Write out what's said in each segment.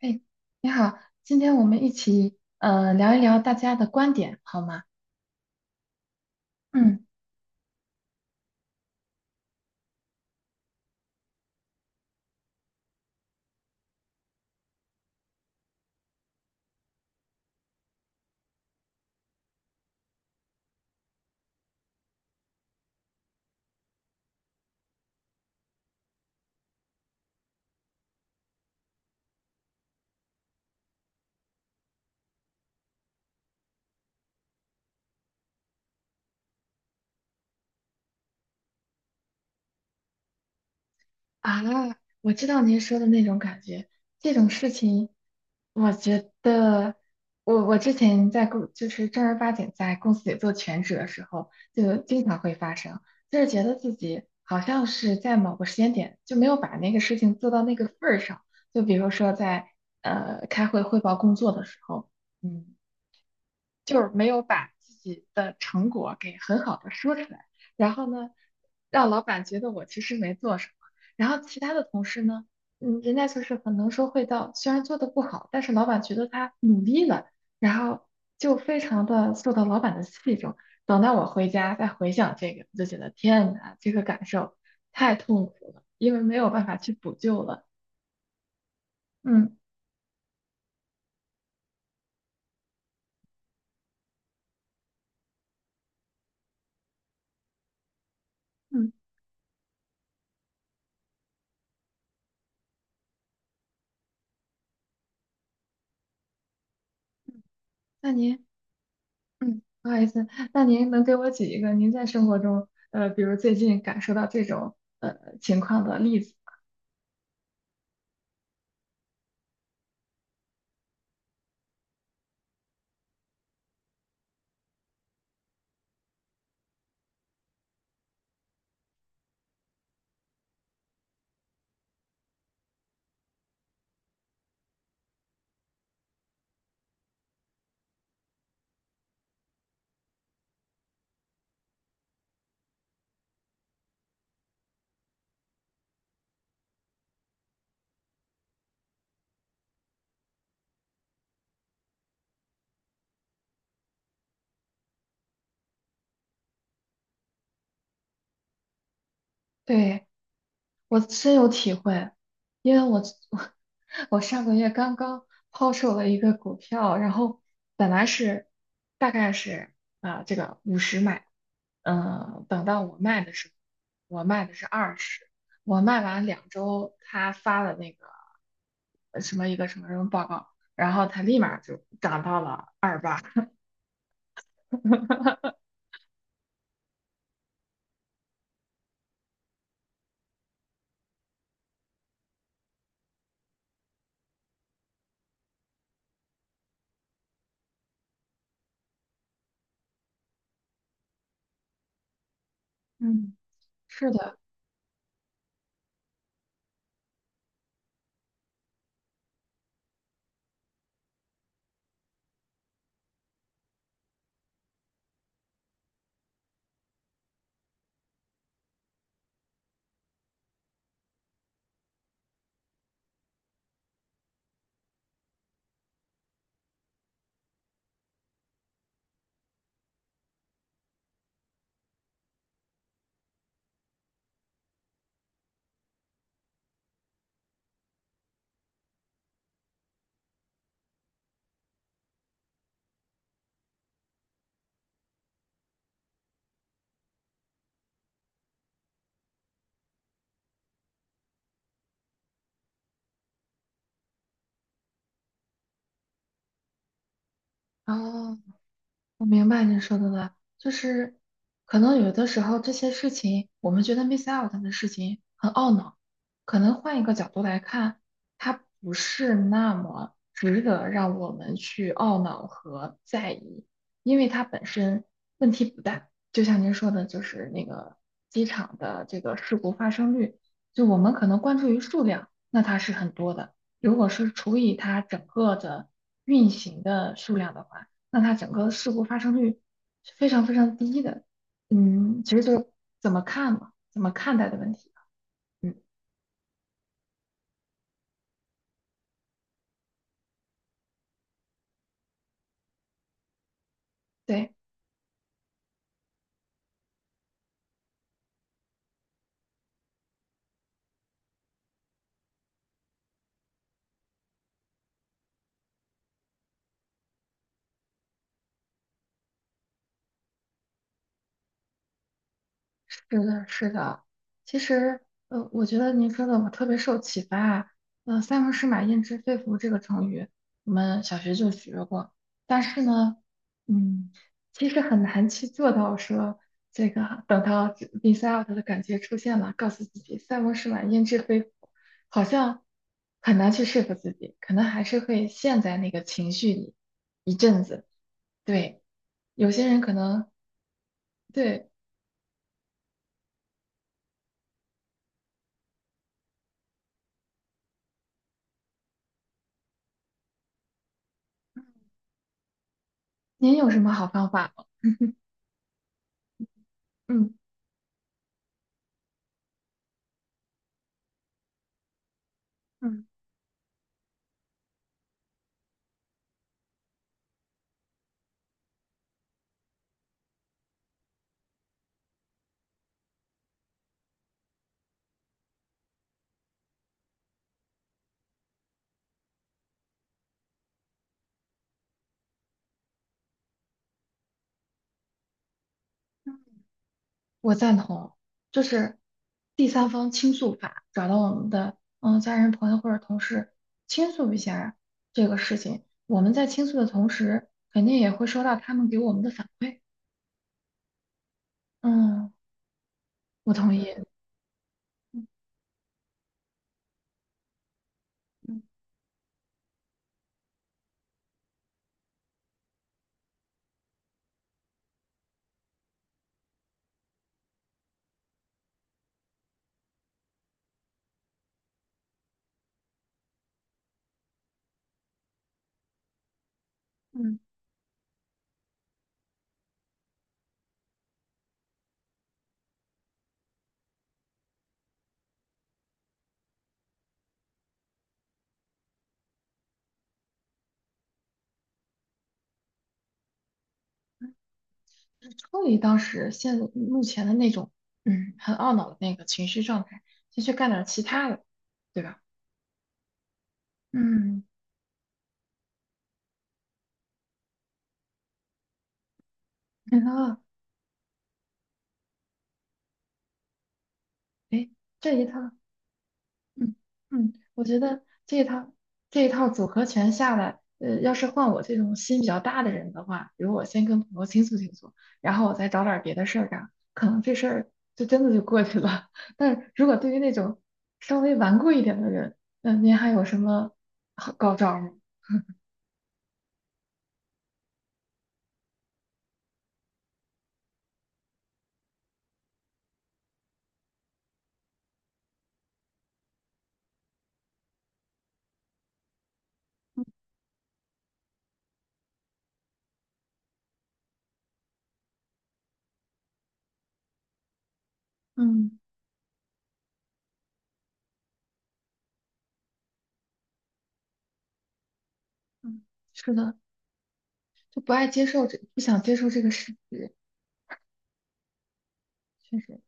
哎，你好，今天我们一起聊一聊大家的观点，好吗？嗯啊，我知道您说的那种感觉，这种事情，我觉得我之前就是正儿八经在公司里做全职的时候，就经常会发生，就是觉得自己好像是在某个时间点就没有把那个事情做到那个份儿上，就比如说在开会汇报工作的时候，嗯。就是没有把自己的成果给很好的说出来，然后呢，让老板觉得我其实没做什么，然后其他的同事呢，嗯，人家就是很能说会道，虽然做的不好，但是老板觉得他，嗯，然后就非常的受到老板的器重。等到我回家再回想这个，我就觉得天哪，这个感受太痛苦了，因为没有办法去补救了。嗯嗯，那您？嗯，不好意思，那您能给我举一个您在生活中，比如最近感受到这种情况的例子？对，我深有体会，因为我 我上个月刚刚抛售了一个股票，然后本来是大概是这个50买，等到我卖的时候，我卖的是20，我卖完2周，他发了那个什么一个什么什么报告，然后他立马就涨到了28。嗯，是的，啊，我明白您说的了，就是可能有的时候这些事情，我们觉得 miss out 的事情很懊恼，可能换一个角度来看，它不是那么值得让我们去懊恼和在意，因为它本身问题不大。就像您说的，就是那个机场的这个事故发生率，就我们可能关注于数量，那它是很多的，如果是除以它整个的运行的数量的话。那它整个事故发生率是非常非常低的。嗯，其实就是怎么看嘛，怎么看待的问题吧。嗯，对。是的，是的。其实，我觉得您说的我特别受启发。“塞翁失马，焉知非福”这个成语，我们小学就学过。但是呢，嗯，其实很难去做到说这个等到 miss out 的感觉出现了，告诉自己“塞翁失马，焉知非福”，好像很难去说服自己，可能还是会陷在那个情绪里一阵子。对，有些人可能对。您有什么好方法吗？嗯，嗯嗯我赞同，就是第三方倾诉法，找到我们的嗯家人、朋友或者同事倾诉一下这个事情。我们在倾诉的同时，肯定也会收到他们给我们的反馈。嗯，我同意。嗯嗯就是抽离当时现目前的那种，嗯，很懊恼的那个情绪状态，先去干点其他的，对吧？嗯，然后，哎，这一套嗯嗯，我觉得这一套组合拳下来，要是换我这种心比较大的人的话，比如我先跟朋友倾诉倾诉，然后我再找点儿别的事儿干，可能这事儿就真的就过去了。但是如果对于那种稍微顽固一点的人，那您还有什么好高招吗？嗯嗯，是的，就不爱接受这，不想接受这个事实，确实，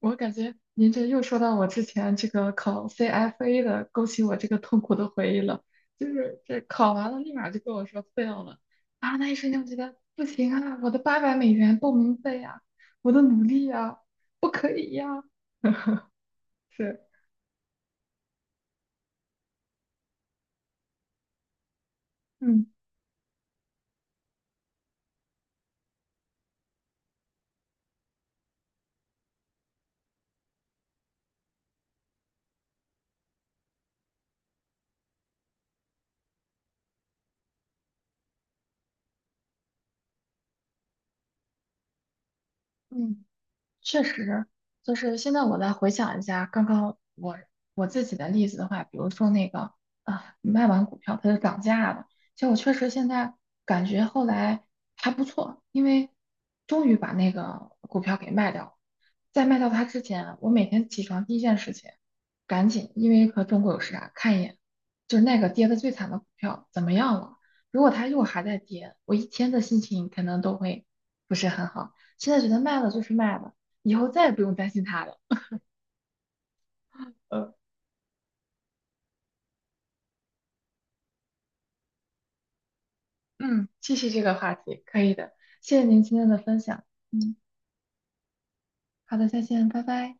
我感觉您这又说到我之前这个考 CFA 的，勾起我这个痛苦的回忆了。就是这考完了，立马就跟我说 fail 了啊！那一瞬间我觉得不行啊，我的800美元报名费呀、我的努力呀、不可以呀、是，嗯嗯。确实，就是现在我再回想一下刚刚我自己的例子的话，比如说那个啊，卖完股票它就涨价了，其实我确实现在感觉后来还不错，因为终于把那个股票给卖掉了。在卖掉它之前，我每天起床第一件事情，赶紧因为和中国有时差看一眼，就是那个跌得最惨的股票怎么样了？如果它又还在跌，我一天的心情可能都会不是很好。现在觉得卖了就是卖了。以后再也不用担心他了。嗯嗯，继续这个话题，可以的。谢谢您今天的分享。嗯，好的，再见，拜拜。